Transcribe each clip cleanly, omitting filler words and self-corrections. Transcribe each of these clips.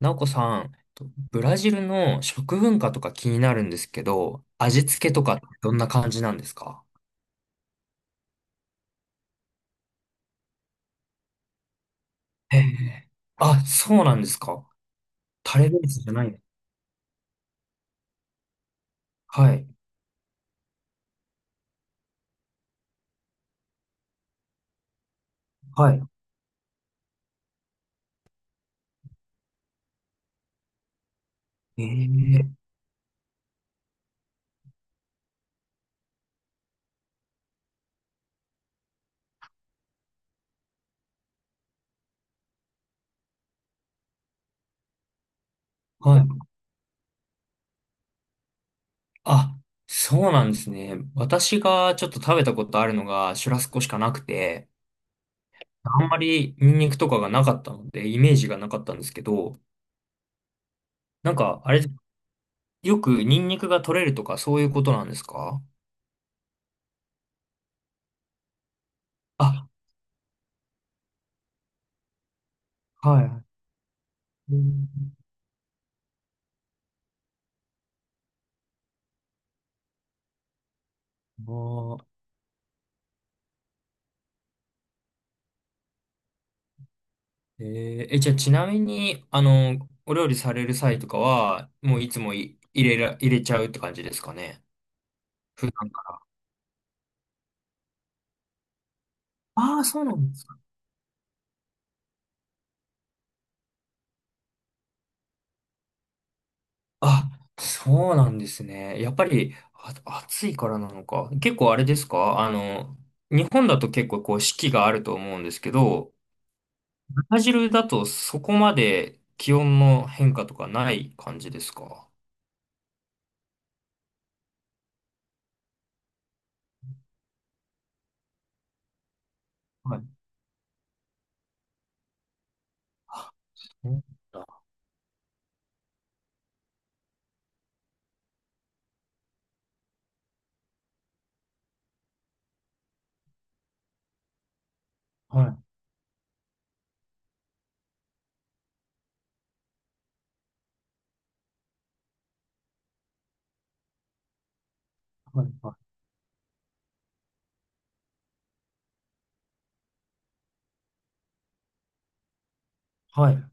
なおこさん、ブラジルの食文化とか気になるんですけど、味付けとかってどんな感じなんですか？へえ。あ、そうなんですか。タレベースじゃない。はい。はい。ええ。はい。あ、そうなんですね。私がちょっと食べたことあるのがシュラスコしかなくて、あんまりニンニクとかがなかったので、イメージがなかったんですけど、なんか、あれ、よくニンニクが取れるとかそういうことなんですか？あ、はい。うん。あー。え、じゃあちなみに、お料理される際とかは、もういつもい入れら、入れちゃうって感じですかね。普段から。ああ、そうなんですか。あ、そうなんですね。やっぱり、あ、暑いからなのか。結構あれですか、日本だと結構こう四季があると思うんですけど、ブラジルだとそこまで気温の変化とかない感じですか？はい。そうなんだ。はい、はい、はい。はい、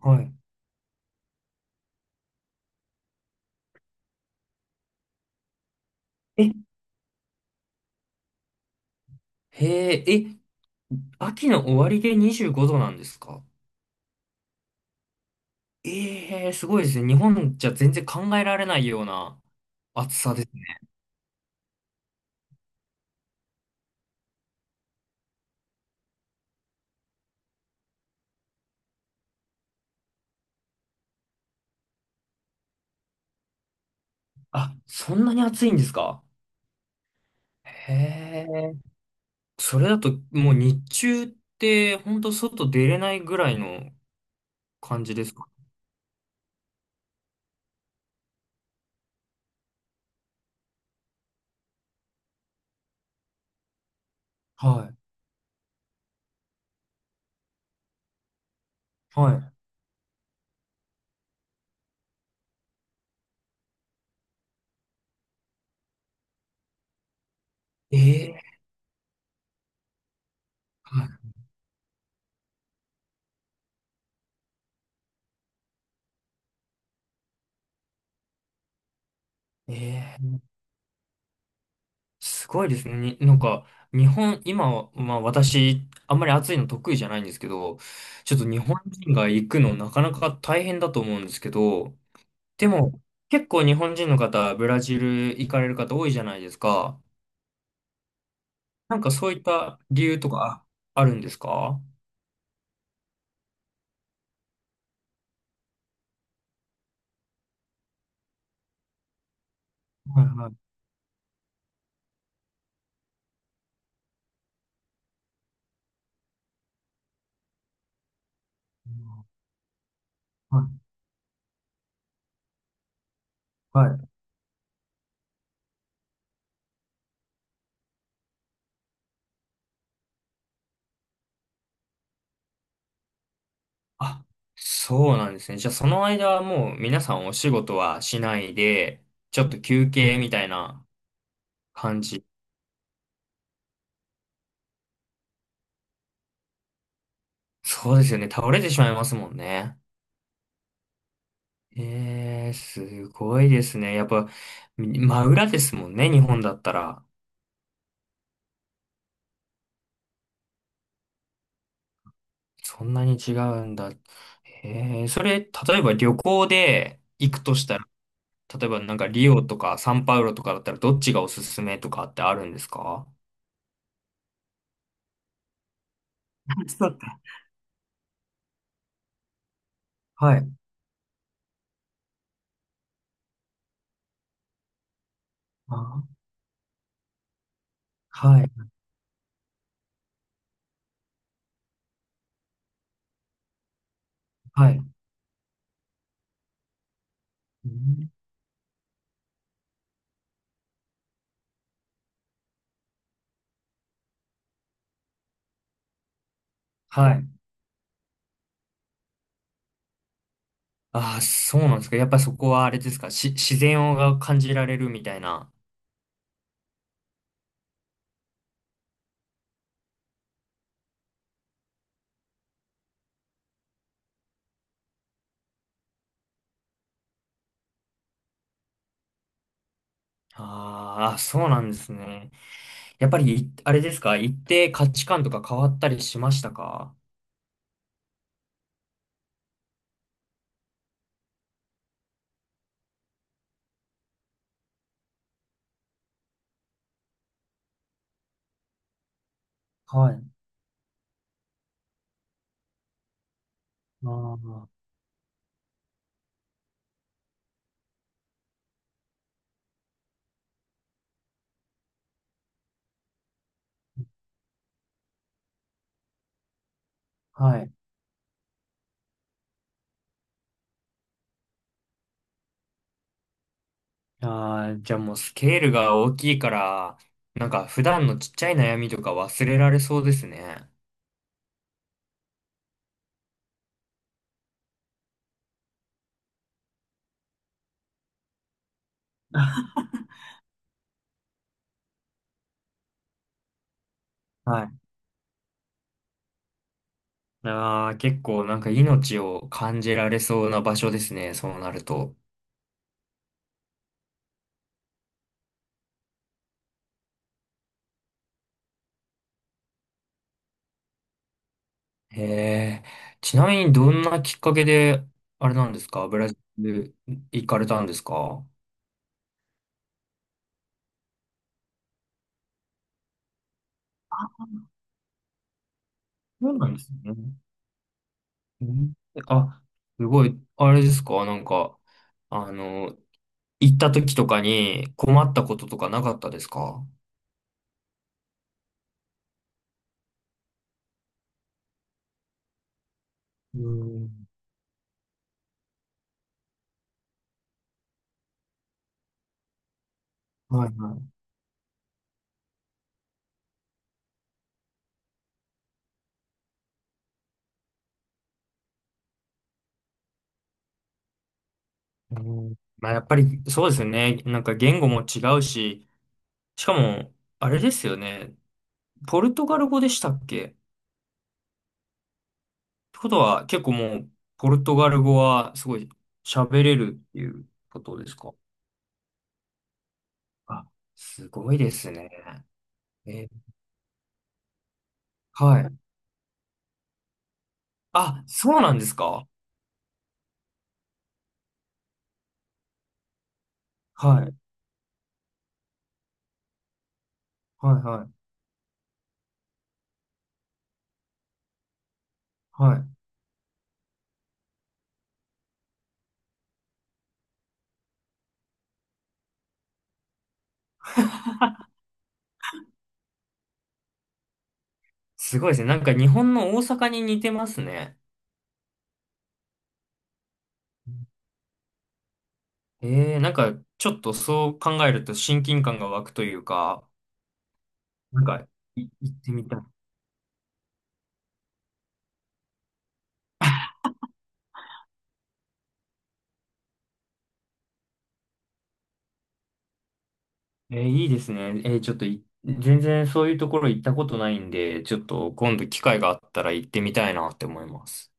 はい。え、へえ、え、秋の終わりで25度なんですか？ええー、すごいですね。日本じゃ全然考えられないような暑さですね。あ、そんなに暑いんですか？へえ。それだともう日中って本当外出れないぐらいの感じですか？はい。はい。ええ。はい。ええ。すごいですね。になんか、日本、今は、まあ私、あんまり暑いの得意じゃないんですけど、ちょっと日本人が行くのなかなか大変だと思うんですけど、でも、結構日本人の方、ブラジル行かれる方多いじゃないですか。なんかそういった理由とかあるんですか？はい、はい、はい、はい。あ、そうなんですね。じゃあその間はもう皆さんお仕事はしないで、ちょっと休憩みたいな感じ。そうですよね。倒れてしまいますもんね。すごいですね。やっぱ、真裏ですもんね、日本だったら。そんなに違うんだ。それ、例えば旅行で行くとしたら、例えばなんかリオとかサンパウロとかだったらどっちがおすすめとかってあるんですか？あ、そうか。はい。あ、はい。はい。うん。はい。ああ、そうなんですか。やっぱそこはあれですか。自然が感じられるみたいな。あー、あ、そうなんですね。やっぱり、あれですか。行って価値観とか変わったりしましたか？はい。ああ。はい。ああ、じゃあもうスケールが大きいから、なんか普段のちっちゃい悩みとか忘れられそうですね。はい。ああ、結構なんか命を感じられそうな場所ですね、そうなると。へえ。ちなみにどんなきっかけで、あれなんですか、ブラジル行かれたんですか？そうなんですね。うん。あ、すごい、あれですか、なんか、あの、行った時とかに困ったこととかなかったですか？うん。はい、はい。うん。まあ、やっぱりそうですよね。なんか言語も違うし、しかも、あれですよね。ポルトガル語でしたっけ？ってことは、結構もう、ポルトガル語はすごい喋れるっていうことですか？あ、すごいですね。え、はい。あ、そうなんですか？はい。はい、はい。はい。すごいですね。なんか日本の大阪に似てますね。なんかちょっとそう考えると親近感が湧くというか、なんか、行ってみたい。いいですね。ちょっと全然そういうところ行ったことないんで、ちょっと今度機会があったら行ってみたいなって思います。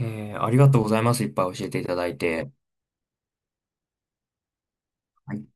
ありがとうございます。いっぱい教えていただいて。はい